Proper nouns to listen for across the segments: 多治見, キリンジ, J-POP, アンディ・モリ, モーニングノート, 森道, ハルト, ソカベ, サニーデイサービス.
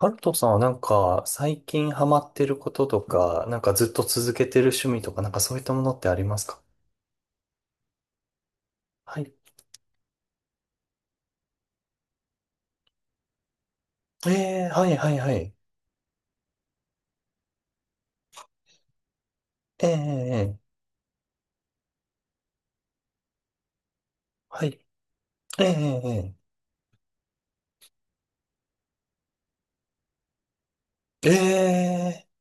ハルトさんは最近ハマってることとか、ずっと続けてる趣味とか、そういったものってありますか？はい。はいはいはい。ーはい。えー、えーえーえー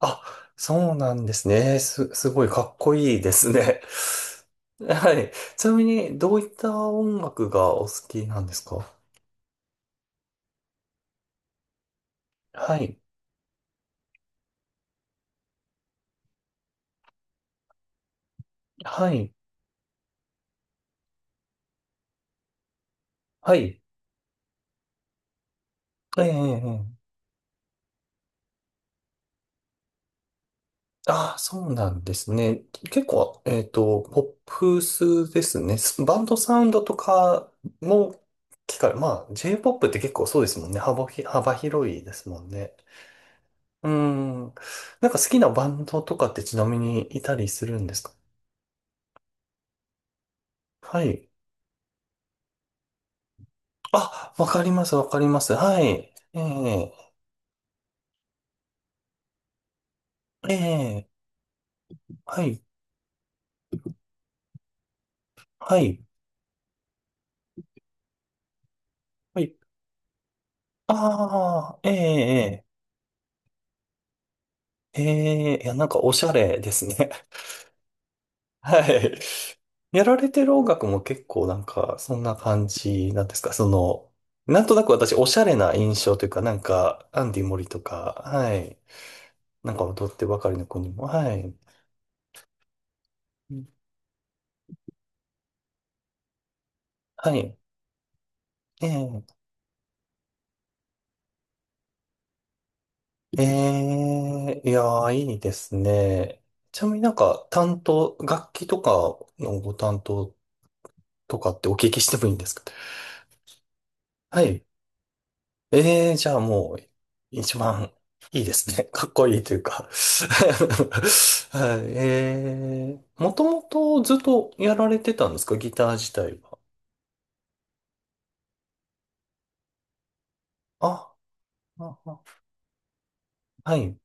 あ、そうなんですね。すごいかっこいいですね。はい。ちなみに、どういった音楽がお好きなんですか？はい。はい。はい。はい。えーえーえーああ、そうなんですね。結構、ポップスですね。バンドサウンドとかも聞かれ、まあ、J-POP って結構そうですもんね。幅広いですもんね。うーん。好きなバンドとかってちなみにいたりするんですか？はい。あ、わかります、わかります。はい。ええ、ええ、はい、はい、はい。ああ、ええ、ええ、ええいや、おしゃれですね。はい。やられてる音楽も結構、そんな感じなんですか？その、なんとなく私、おしゃれな印象というか、なんか、アンディ・モリとか、はい。なんか踊ってばかりの子にも、はい。うんはい。ええ、ええ、いやー、いいですね。ちなみに、担当、楽器とかのご担当とかってお聞きしてもいいんですか？はい。ええじゃあもう、一番いいですね。かっこいいというか はい。ええもともとずっとやられてたんですか？ギター自体は。あ、ああはい。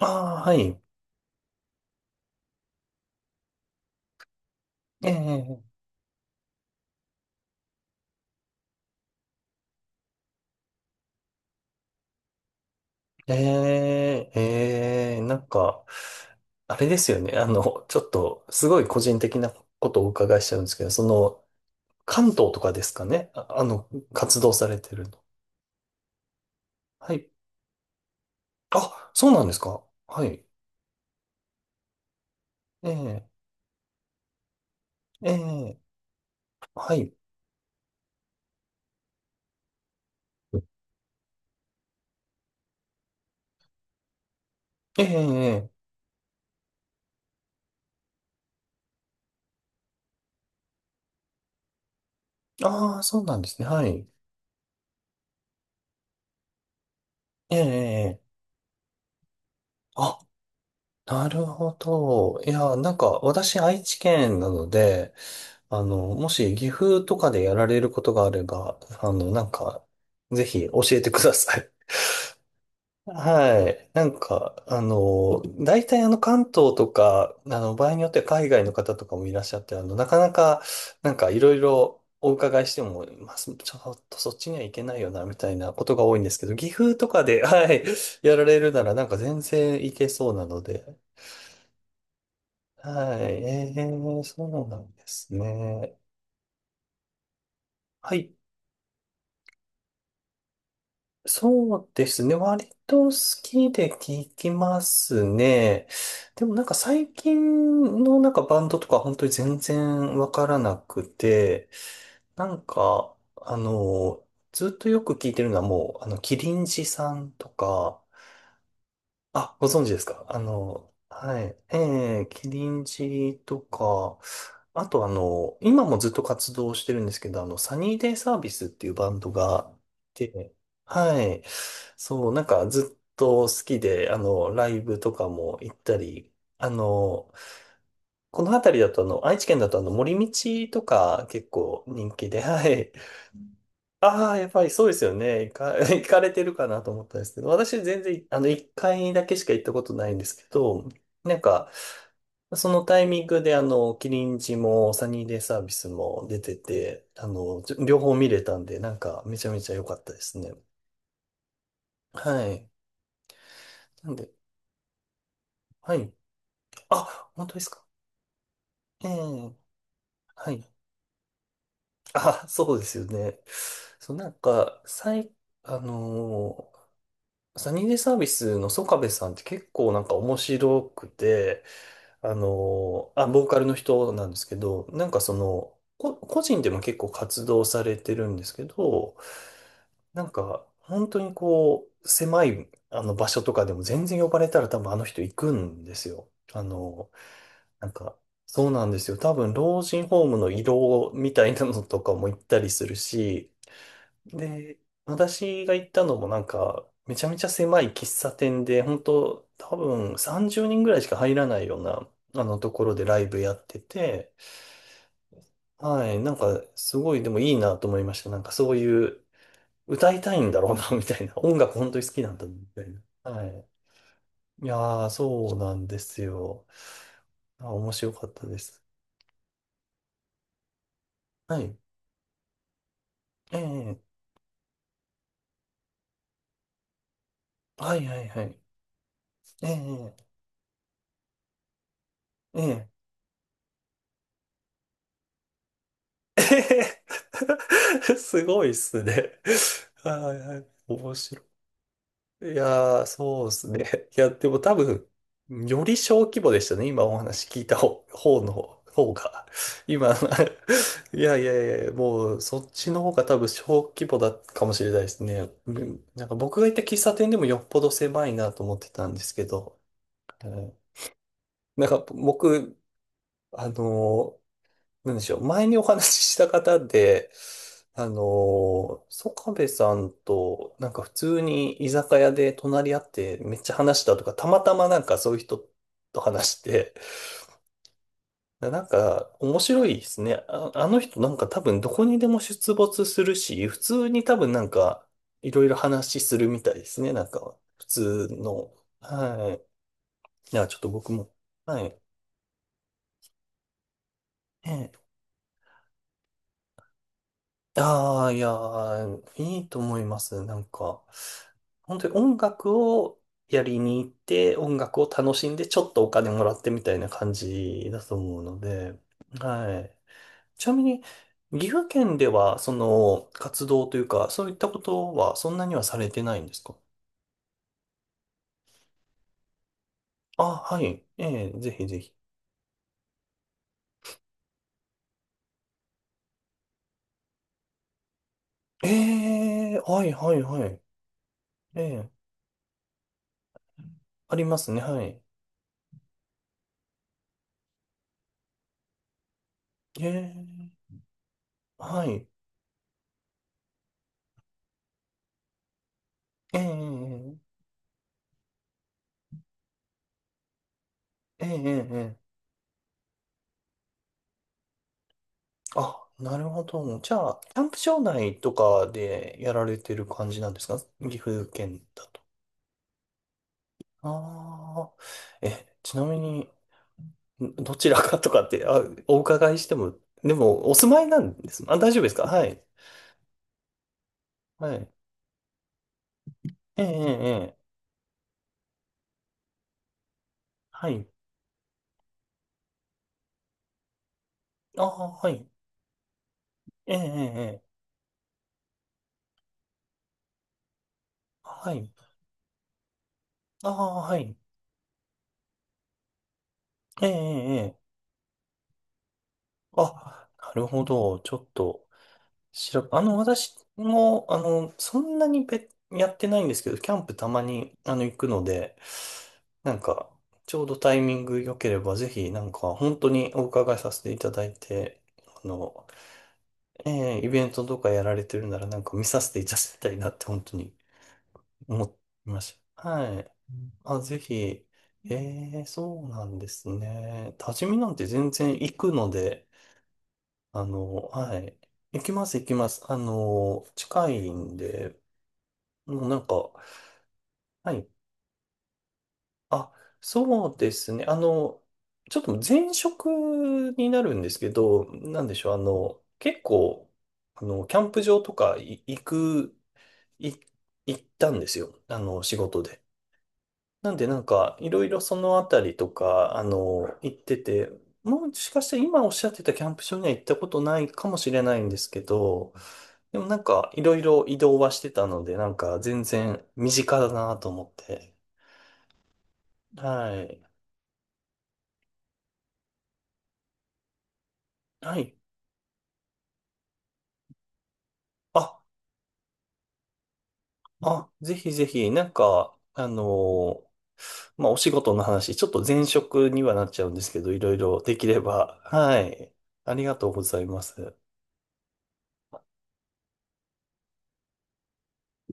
ああ、はい。ええええええ、あれですよね。あの、ちょっと、すごい個人的なことをお伺いしちゃうんですけど、その、関東とかですかね。あ、あの、活動されてるの。はい。あ、そうなんですか？はい。ええええはい。ええ、ええ。ああ、そうなんですね。はい。ええ、ええ。あ、なるほど。いや、なんか、私、愛知県なので、あの、もし、岐阜とかでやられることがあれば、あの、なんか、ぜひ、教えてください。はい。なんか、あの、大体あの関東とか、あの、場合によっては海外の方とかもいらっしゃって、あの、なかなか、なんかいろいろお伺いしても、まあ、ちょっとそっちには行けないよな、みたいなことが多いんですけど、岐阜とかで、はい、やられるならなんか全然行けそうなので、はい。えー、そうなんですね。はい。そうですね。割と好きで聞きますね。でもなんか最近のなんかバンドとか本当に全然わからなくて、なんか、あの、ずっとよく聞いてるのはもう、あの、キリンジさんとか、あ、ご存知ですか？あの、はい。ええ、キリンジとか、あとあの、今もずっと活動してるんですけど、あの、サニーデイサービスっていうバンドがいて、はい。そう、なんかずっと好きで、あの、ライブとかも行ったり、あの、この辺りだとあの、愛知県だとあの、森道とか結構人気で、はい。ああ、やっぱりそうですよね。行かれてるかなと思ったんですけど、私全然、あの、一回だけしか行ったことないんですけど、なんか、そのタイミングで、あの、キリンジもサニーデイサービスも出てて、あの、両方見れたんで、なんか、めちゃめちゃ良かったですね。はい。なんで、はい。あ、本当ですか？ええ、はい。あ、そうですよね。そう、なんか、最、あのーサニーデイサービスのソカベさんって結構なんか面白くて、あの、あ、ボーカルの人なんですけど、なんかその、個人でも結構活動されてるんですけど、なんか本当にこう、狭いあの場所とかでも全然呼ばれたら多分あの人行くんですよ。あの、なんか、そうなんですよ。多分老人ホームの移動みたいなのとかも行ったりするし、で、私が行ったのもなんか、めちゃめちゃ狭い喫茶店で、本当多分30人ぐらいしか入らないような、あのところでライブやってて、はい、なんか、すごいでもいいなと思いました。なんかそういう、歌いたいんだろうな、みたいな。音楽本当に好きなんだ、みたいな。はい。いやー、そうなんですよ。あ、面白かったです。はい。ええはいはいはい。ええええ えへへすごいっすね。はいはい。面白い。いやー、そうっすね。いや、でも多分、より小規模でしたね。今お話聞いた方の方が。今、いやいやいや、もうそっちの方が多分小規模だったかもしれないですね。うんなんか僕が行った喫茶店でもよっぽど狭いなと思ってたんですけど、うんなんか僕、あのーなんでしょう。前にお話しした方で、あのー、ソカベさんと、なんか普通に居酒屋で隣り合ってめっちゃ話したとか、たまたまなんかそういう人と話して、なんか面白いですね。あ、あの人なんか多分どこにでも出没するし、普通に多分なんかいろいろ話するみたいですね。なんか普通の。はい。いや、ちょっと僕も。はい。ええああ、いやー、いいと思います。なんか、本当に音楽をやりに行って、音楽を楽しんで、ちょっとお金もらってみたいな感じだと思うので、はい。ちなみに、岐阜県では、その、活動というか、そういったことは、そんなにはされてないんですか？あ、はい。ええ、ぜひぜひ。ええ、はい、はい、はい。ええ、ありますね、はい。ええ、はい。ええ、ええ、ええ、ええ。ええあ、なるほど。じゃあ、キャンプ場内とかでやられてる感じなんですか？岐阜県だと。ああ。え、ちなみに、んどちらかとかって、あ、お伺いしても、でも、お住まいなんです。あ、大丈夫ですか？はい。はい。ええ、ええ、ええはい。ああ、はい。ええ、ええ、ええはい。ああ、はい。ええ、ええ、ええあ、なるほど。ちょっと。白、あの、私も、あの、そんなにやってないんですけど、キャンプたまに、あの、行くので、なんか、ちょうどタイミング良ければ、ぜひ、なんか、本当にお伺いさせていただいて、あの、ええイベントとかやられてるなら、なんか見させていただきたいなって、本当に思いました。はい。あ、ぜひ、ええそうなんですね。多治見なんて全然行くので、あの、はい。行きます、行きます。あの、近いんで、もうなんか、はい。あ、そうですね。あの、ちょっと前職になるんですけど、なんでしょう。あの、結構、あの、キャンプ場とかい行く、い、行ったんですよ。あの、仕事で。なんでなんか、いろいろそのあたりとか、あの、行ってて、もしかして今おっしゃってたキャンプ場には行ったことないかもしれないんですけど、でもなんか、いろいろ移動はしてたので、なんか、全然身近だなと思って。はい。はい。あ、あ、ぜひぜひ、なんか、あのーまあ、お仕事の話、ちょっと前職にはなっちゃうんですけど、いろいろできれば、はい。ありがとうございます。